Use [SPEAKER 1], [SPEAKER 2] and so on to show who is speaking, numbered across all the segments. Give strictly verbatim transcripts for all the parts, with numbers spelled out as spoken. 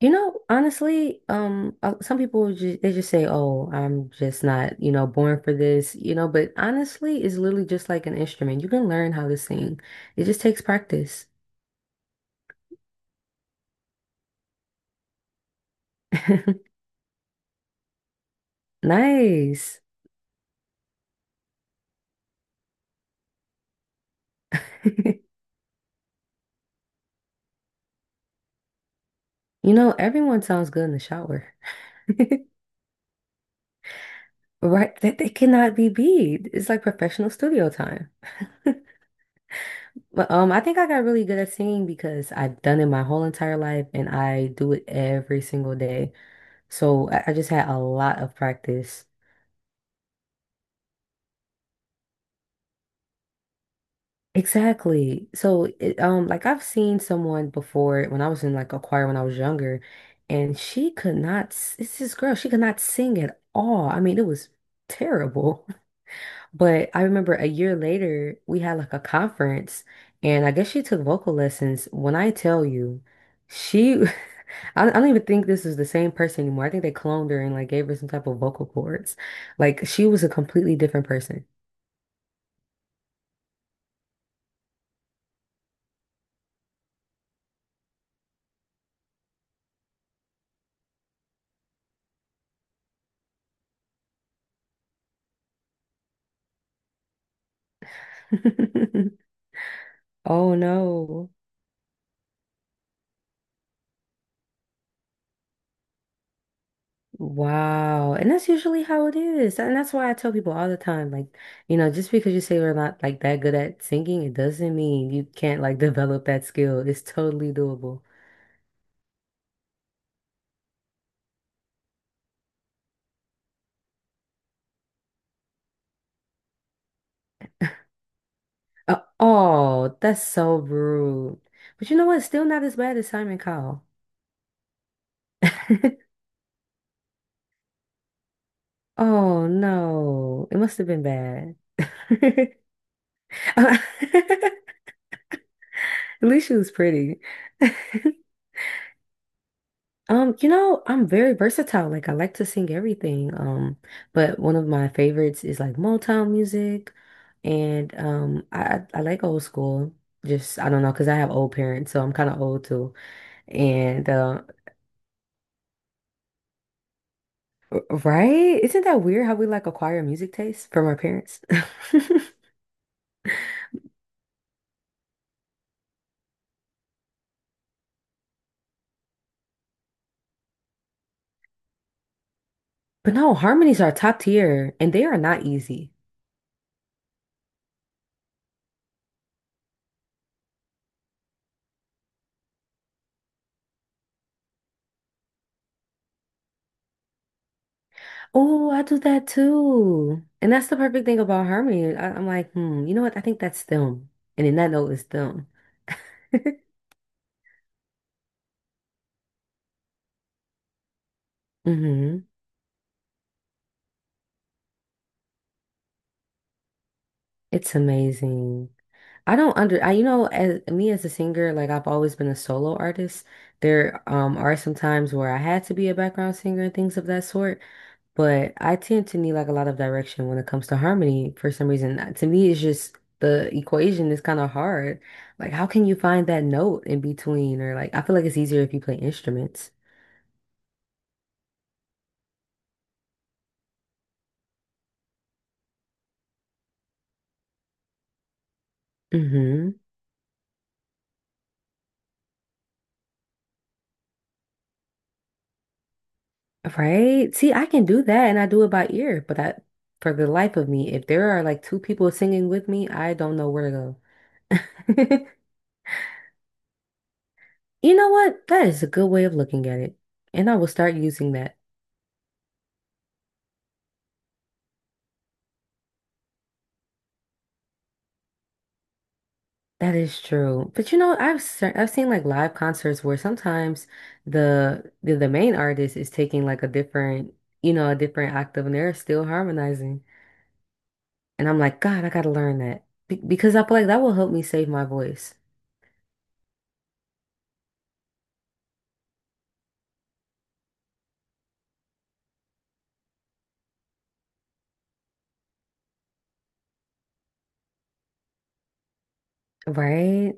[SPEAKER 1] You know, honestly, um, uh, some people just, they just say, "Oh, I'm just not, you know, born for this," you know. But honestly, it's literally just like an instrument. You can learn how to sing. It just takes practice. Nice. You know, everyone sounds good in the shower, right? That they cannot be beat. It's like professional studio time. But um, I think I got really good at singing because I've done it my whole entire life, and I do it every single day. So I, I just had a lot of practice. Exactly. So, it, um, like I've seen someone before when I was in like a choir when I was younger, and she could not. s- It's this girl. She could not sing at all. I mean, it was terrible. But I remember a year later we had like a conference, and I guess she took vocal lessons. When I tell you, she, I, I don't even think this is the same person anymore. I think they cloned her and like gave her some type of vocal cords. Like she was a completely different person. Oh no. Wow. And that's usually how it is. And that's why I tell people all the time, like, you know, just because you say we're not like that good at singing, it doesn't mean you can't like develop that skill. It's totally doable. Uh, oh, that's so rude. But you know what? Still not as bad as Simon Cowell. Oh no. It must have been bad. At least she was pretty. Um, you know, I'm very versatile. Like I like to sing everything. Um, but one of my favorites is like Motown music and um I I I like old school. Just I don't know, because I have old parents, so I'm kind of old too. And uh Right? Isn't that weird how we like acquire music taste from our parents? But no, harmonies are top tier and they are not easy. Oh, I do that too. And that's the perfect thing about harmony. I, I'm like, hmm, you know what? I think that's them. And in that note, it's them. hmm It's amazing. I don't under I you know as me as a singer like I've always been a solo artist. There um are some times where I had to be a background singer and things of that sort, but I tend to need like a lot of direction when it comes to harmony for some reason. Uh, To me, it's just the equation is kind of hard. Like how can you find that note in between or like I feel like it's easier if you play instruments. Mm-hmm. Right? See, I can do that and I do it by ear, but I, for the life of me, if there are like two people singing with me, I don't know where to go. You know what? That is a good way of looking at it. And I will start using that. That is true. But you know, I've se- I've seen like live concerts where sometimes the the, the main artist is taking like a different, you know, a different octave and they're still harmonizing. And I'm like, God, I gotta learn that. Be because I feel like that will help me save my voice. Right?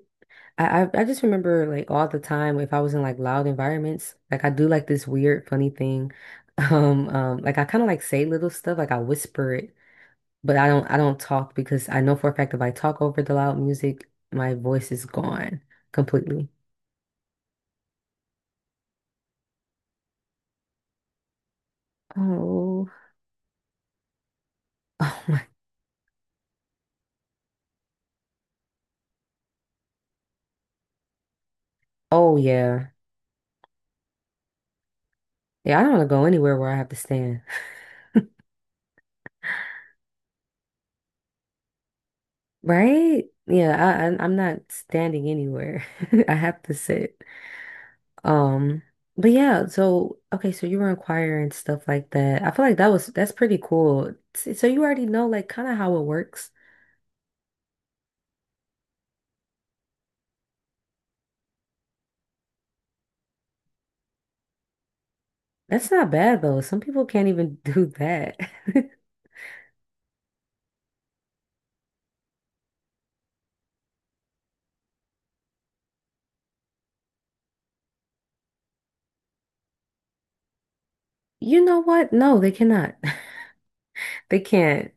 [SPEAKER 1] I, I I just remember like all the time if I was in like loud environments, like I do like this weird funny thing. Um, um, like I kind of like say little stuff, like I whisper it, but I don't I don't talk because I know for a fact if I talk over the loud music, my voice is gone completely. Oh, oh my, oh yeah, yeah. I don't want to go anywhere where I have to stand, right? Yeah, I, I I'm not standing anywhere. I have to sit. Um, but yeah, so okay, so you were in choir and stuff like that. I feel like that was That's pretty cool. S- So you already know like kind of how it works. That's not bad though. Some people can't even do that. You know what? No, they cannot. They can't.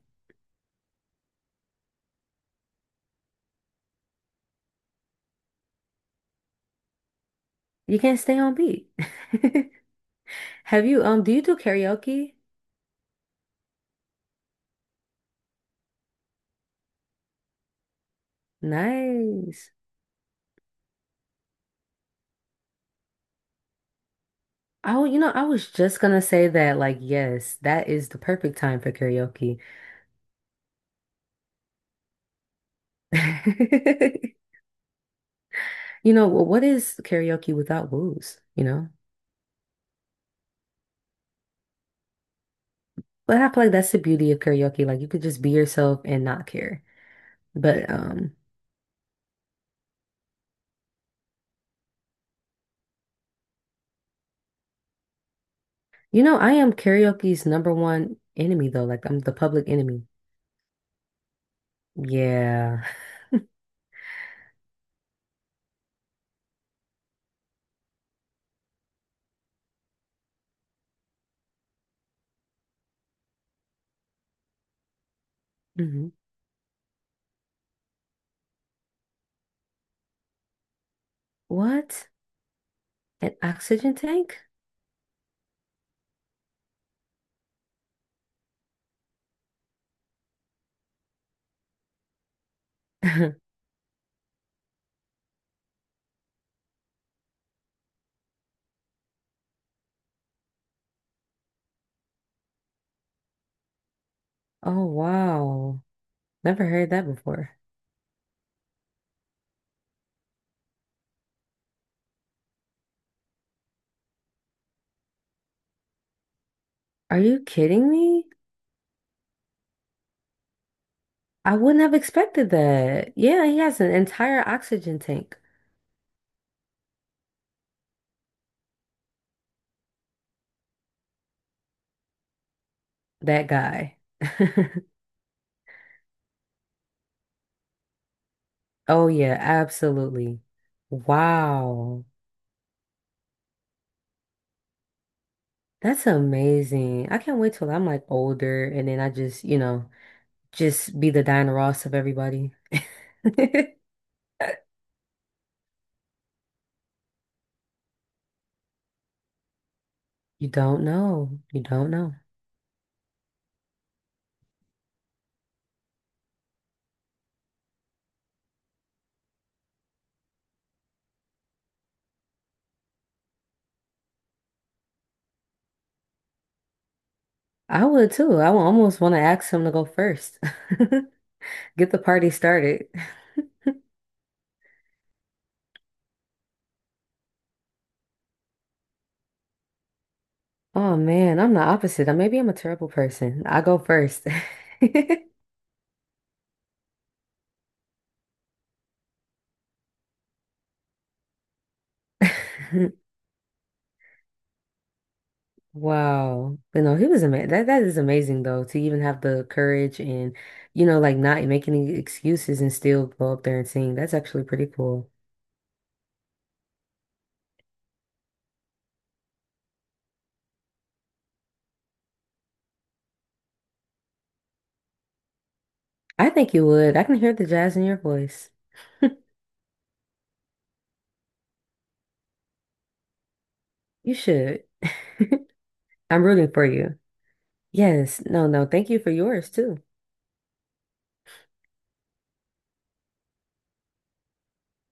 [SPEAKER 1] You can't stay on beat. Have you um do you do karaoke? Nice. I w- you know, I was just gonna say that like yes, that is the perfect time for karaoke. You know, wh- what is karaoke without booze, you know? But I feel like that's the beauty of karaoke. Like you could just be yourself and not care. But um, you know, I am karaoke's number one enemy though. Like I'm the public enemy. Yeah. Hmm. What? An oxygen tank? Oh wow. Never heard that before. Are you kidding me? I wouldn't have expected that. Yeah, he has an entire oxygen tank. That guy. Oh yeah, absolutely. Wow. That's amazing. I can't wait till I'm like older and then I just, you know, just be the Diana Ross of everybody. You don't know. You don't know. I would too. I would almost want to ask him to go first. Get the party started. Oh man, I'm the opposite. Uh, Maybe I'm a terrible person. I go first. Wow. But no, he was amazing. That that is amazing though, to even have the courage and, you know, like not make any excuses and still go up there and sing. That's actually pretty cool. I think you would. I can hear the jazz in your voice. You should. I'm rooting for you. Yes. No, no. Thank you for yours too.